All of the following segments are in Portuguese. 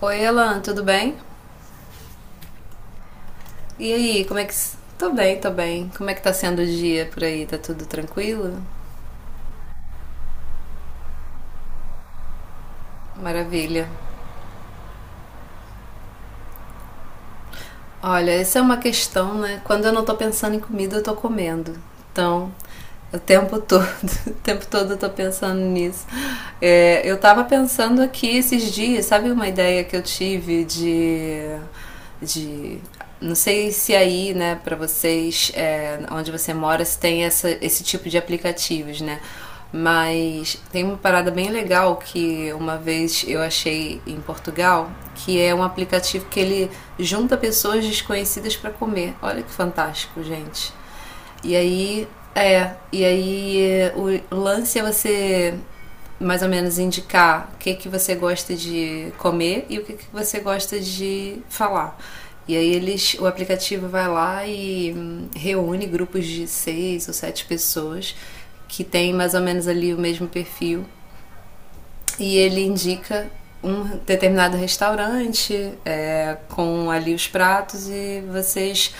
Oi, Elan, tudo bem? E aí, como é que. Tô bem, tô bem. Como é que tá sendo o dia por aí? Tá tudo tranquilo? Maravilha. Olha, essa é uma questão, né? Quando eu não tô pensando em comida, eu tô comendo. Então, o tempo todo, o tempo todo eu tô pensando nisso. É, eu tava pensando aqui esses dias, sabe uma ideia que eu tive de não sei se aí, né, pra vocês, é, onde você mora, se tem essa, esse tipo de aplicativos, né? Mas tem uma parada bem legal que uma vez eu achei em Portugal, que é um aplicativo que ele junta pessoas desconhecidas para comer. Olha que fantástico, gente. E aí, e aí é, o lance é você mais ou menos indicar o que, que você gosta de comer e o que, que você gosta de falar. E aí eles, o aplicativo vai lá e reúne grupos de seis ou sete pessoas que tem mais ou menos ali o mesmo perfil e ele indica um determinado restaurante é, com ali os pratos e vocês,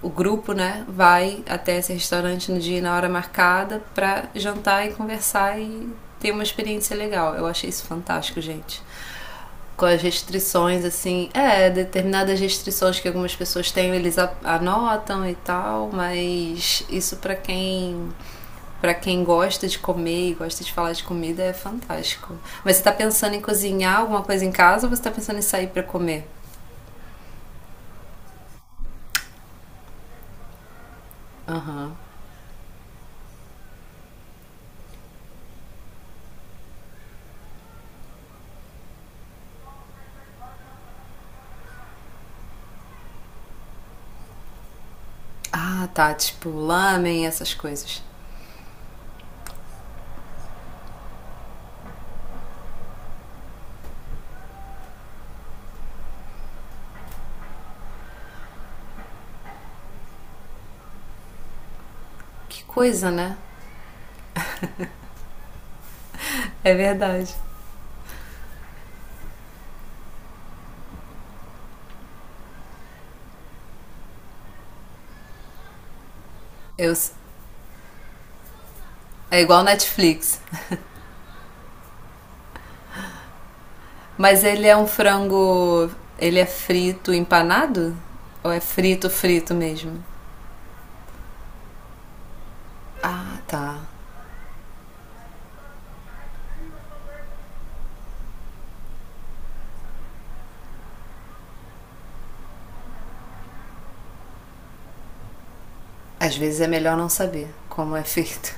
o grupo, né, vai até esse restaurante no dia e na hora marcada para jantar e conversar e ter uma experiência legal. Eu achei isso fantástico, gente. Com as restrições, assim, é, determinadas restrições que algumas pessoas têm, eles anotam e tal, mas isso para quem gosta de comer e gosta de falar de comida, é fantástico. Mas você tá pensando em cozinhar alguma coisa em casa ou você tá pensando em sair para comer? Aham. Ah, tá. Tipo, lamen, essas coisas. Que coisa, né? É verdade. Eu, é igual Netflix. Mas ele é um frango. Ele é frito empanado? Ou é frito, frito mesmo? Ah, tá. Às vezes é melhor não saber como é feito.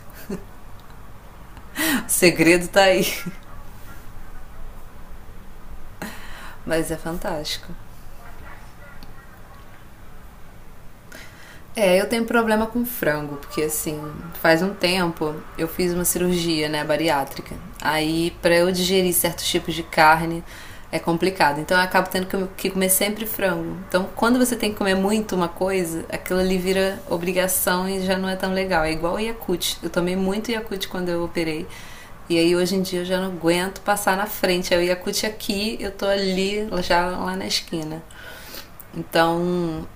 O segredo tá aí. Mas é fantástico. É, eu tenho problema com frango, porque assim, faz um tempo eu fiz uma cirurgia, né, bariátrica. Aí, pra eu digerir certos tipos de carne é complicado. Então, eu acabo tendo que comer sempre frango. Então, quando você tem que comer muito uma coisa, aquilo ali vira obrigação e já não é tão legal. É igual o Yakult. Eu tomei muito Yakult quando eu operei. E aí, hoje em dia, eu já não aguento passar na frente. Aí, o Yakult aqui, eu tô ali, já lá na esquina. Então,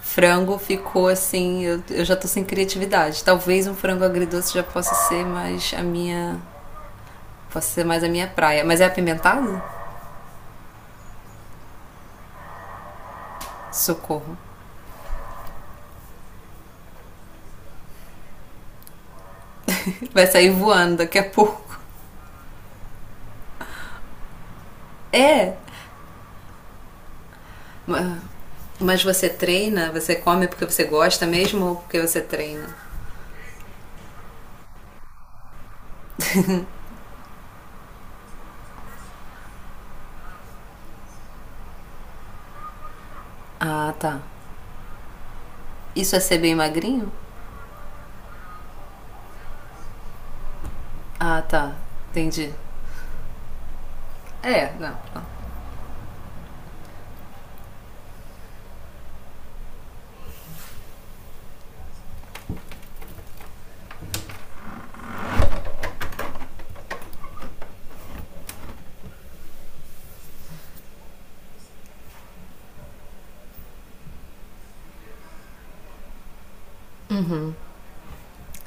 frango ficou assim, eu já tô sem criatividade. Talvez um frango agridoce já possa ser mais a minha. Possa ser mais a minha praia. Mas é apimentado? Socorro. Vai sair voando daqui a pouco. É! Mas você treina? Você come porque você gosta mesmo ou porque você treina? Ah, tá. Isso é ser bem magrinho? Ah, tá. Entendi. É, não, não.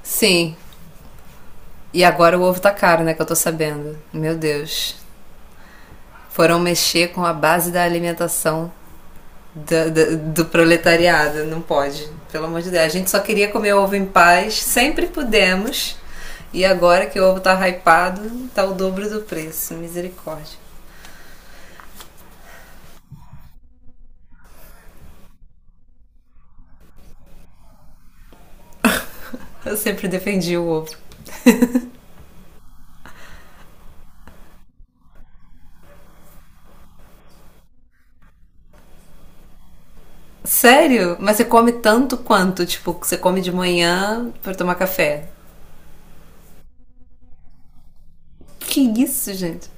Sim. E agora o ovo tá caro, né? Que eu tô sabendo. Meu Deus. Foram mexer com a base da alimentação do proletariado, não pode. Pelo amor de Deus. A gente só queria comer ovo em paz, sempre pudemos. E agora que o ovo tá hypado, tá o dobro do preço. Misericórdia. Eu sempre defendi o ovo. Sério? Mas você come tanto quanto? Tipo, você come de manhã pra tomar café? Que isso, gente?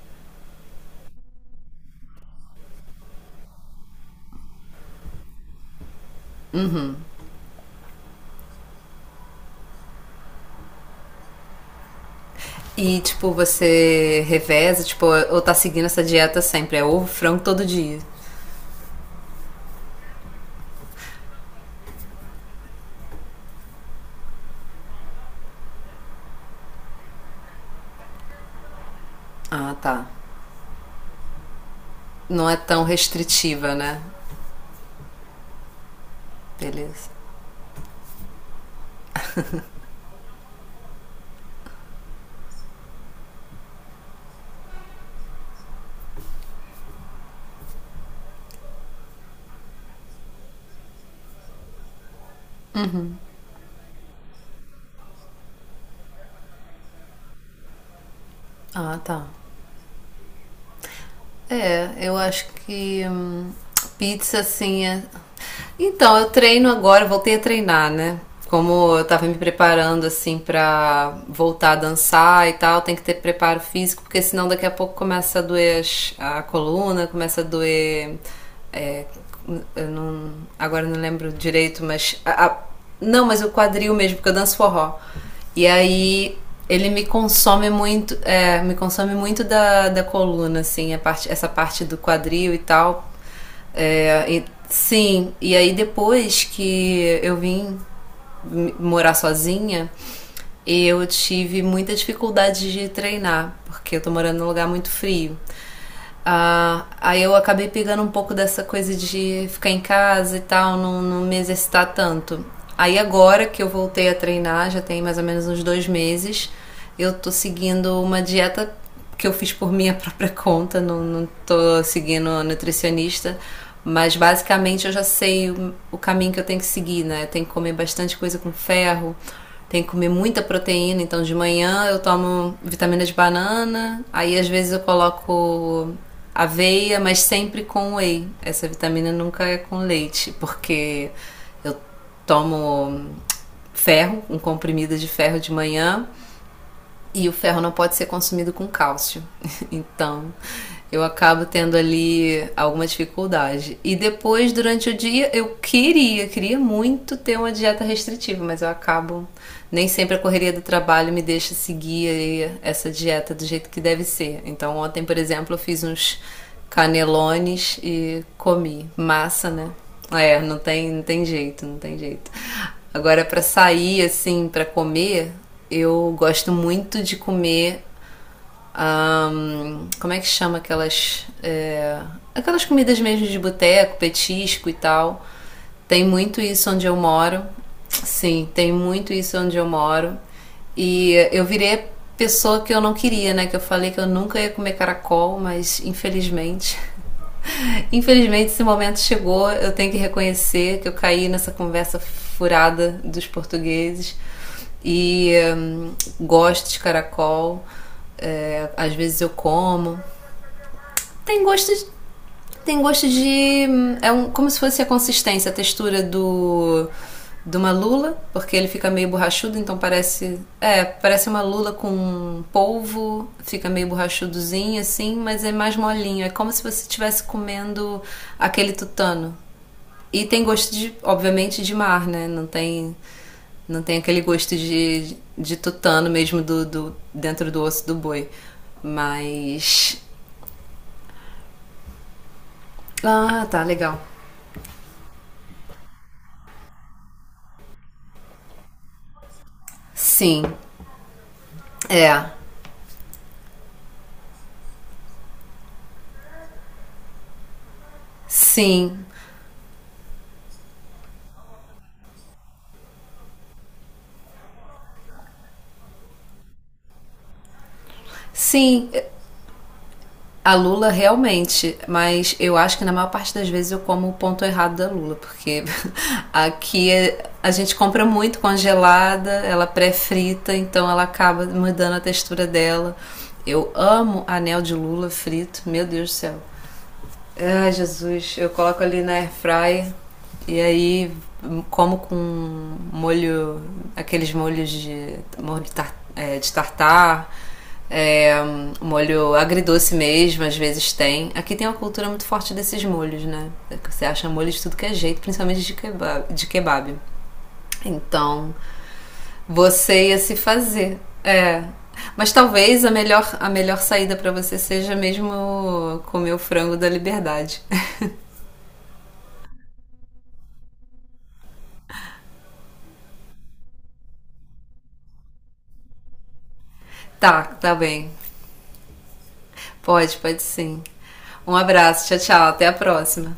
E, tipo, você reveza, tipo, ou tá seguindo essa dieta sempre? É ovo, frango todo dia. Ah, tá. Não é tão restritiva, né? Beleza. Ah, tá. É, eu acho que pizza assim é. Então, eu treino agora, eu voltei a treinar, né? Como eu tava me preparando assim pra voltar a dançar e tal, tem que ter preparo físico, porque senão daqui a pouco começa a doer a coluna, começa a doer. É, eu não, agora eu não lembro direito, mas. Não, mas o quadril mesmo, porque eu danço forró. E aí ele me consome muito, é, me consome muito da, da coluna, assim, a parte, essa parte do quadril e tal. É, sim, e aí depois que eu vim morar sozinha, eu tive muita dificuldade de treinar, porque eu tô morando num lugar muito frio. Ah, aí eu acabei pegando um pouco dessa coisa de ficar em casa e tal, não me exercitar tanto. Aí agora que eu voltei a treinar, já tem mais ou menos uns dois meses, eu tô seguindo uma dieta que eu fiz por minha própria conta, não tô seguindo a nutricionista, mas basicamente eu já sei o caminho que eu tenho que seguir, né? Eu tenho que comer bastante coisa com ferro, tem que comer muita proteína, então de manhã eu tomo vitamina de banana, aí às vezes eu coloco aveia, mas sempre com whey. Essa vitamina nunca é com leite, porque eu tomo ferro, um comprimido de ferro de manhã, e o ferro não pode ser consumido com cálcio. Então, eu acabo tendo ali alguma dificuldade. E depois, durante o dia, eu queria muito ter uma dieta restritiva, mas eu acabo. Nem sempre a correria do trabalho me deixa seguir essa dieta do jeito que deve ser. Então, ontem, por exemplo, eu fiz uns canelones e comi. Massa, né? É, não tem jeito, não tem jeito. Agora, para sair, assim, para comer, eu gosto muito de comer como é que chama aquelas. É, aquelas comidas mesmo de boteco, petisco e tal. Tem muito isso onde eu moro. Sim, tem muito isso onde eu moro. E eu virei a pessoa que eu não queria, né? Que eu falei que eu nunca ia comer caracol, mas infelizmente infelizmente, esse momento chegou. Eu tenho que reconhecer que eu caí nessa conversa furada dos portugueses. E gosto de caracol. É, às vezes eu como. Tem gosto de É um, como se fosse a consistência, a textura do. De uma lula, porque ele fica meio borrachudo, então parece. É, parece uma lula com polvo, fica meio borrachudozinho assim, mas é mais molinho. É como se você estivesse comendo aquele tutano. E tem gosto de, obviamente, de mar, né? Não tem. Não tem aquele gosto de tutano mesmo dentro do osso do boi. Mas. Ah, tá, legal. Sim, é, sim, sim, a lula realmente, mas eu acho que na maior parte das vezes eu como o ponto errado da lula, porque aqui a gente compra muito congelada, ela pré-frita, então ela acaba mudando a textura dela. Eu amo anel de lula frito, meu Deus do céu. Ai, Jesus, eu coloco ali na airfryer e aí como com molho, aqueles molhos de molho de, tar, é, de tartar, é, molho agridoce mesmo, às vezes tem. Aqui tem uma cultura muito forte desses molhos, né? Você acha molho de tudo que é jeito, principalmente de kebab. De kebab. Então, você ia se fazer. É, mas talvez a melhor saída para você seja mesmo comer o frango da liberdade. Tá, tá bem. Pode, pode sim. Um abraço, tchau, tchau. Até a próxima.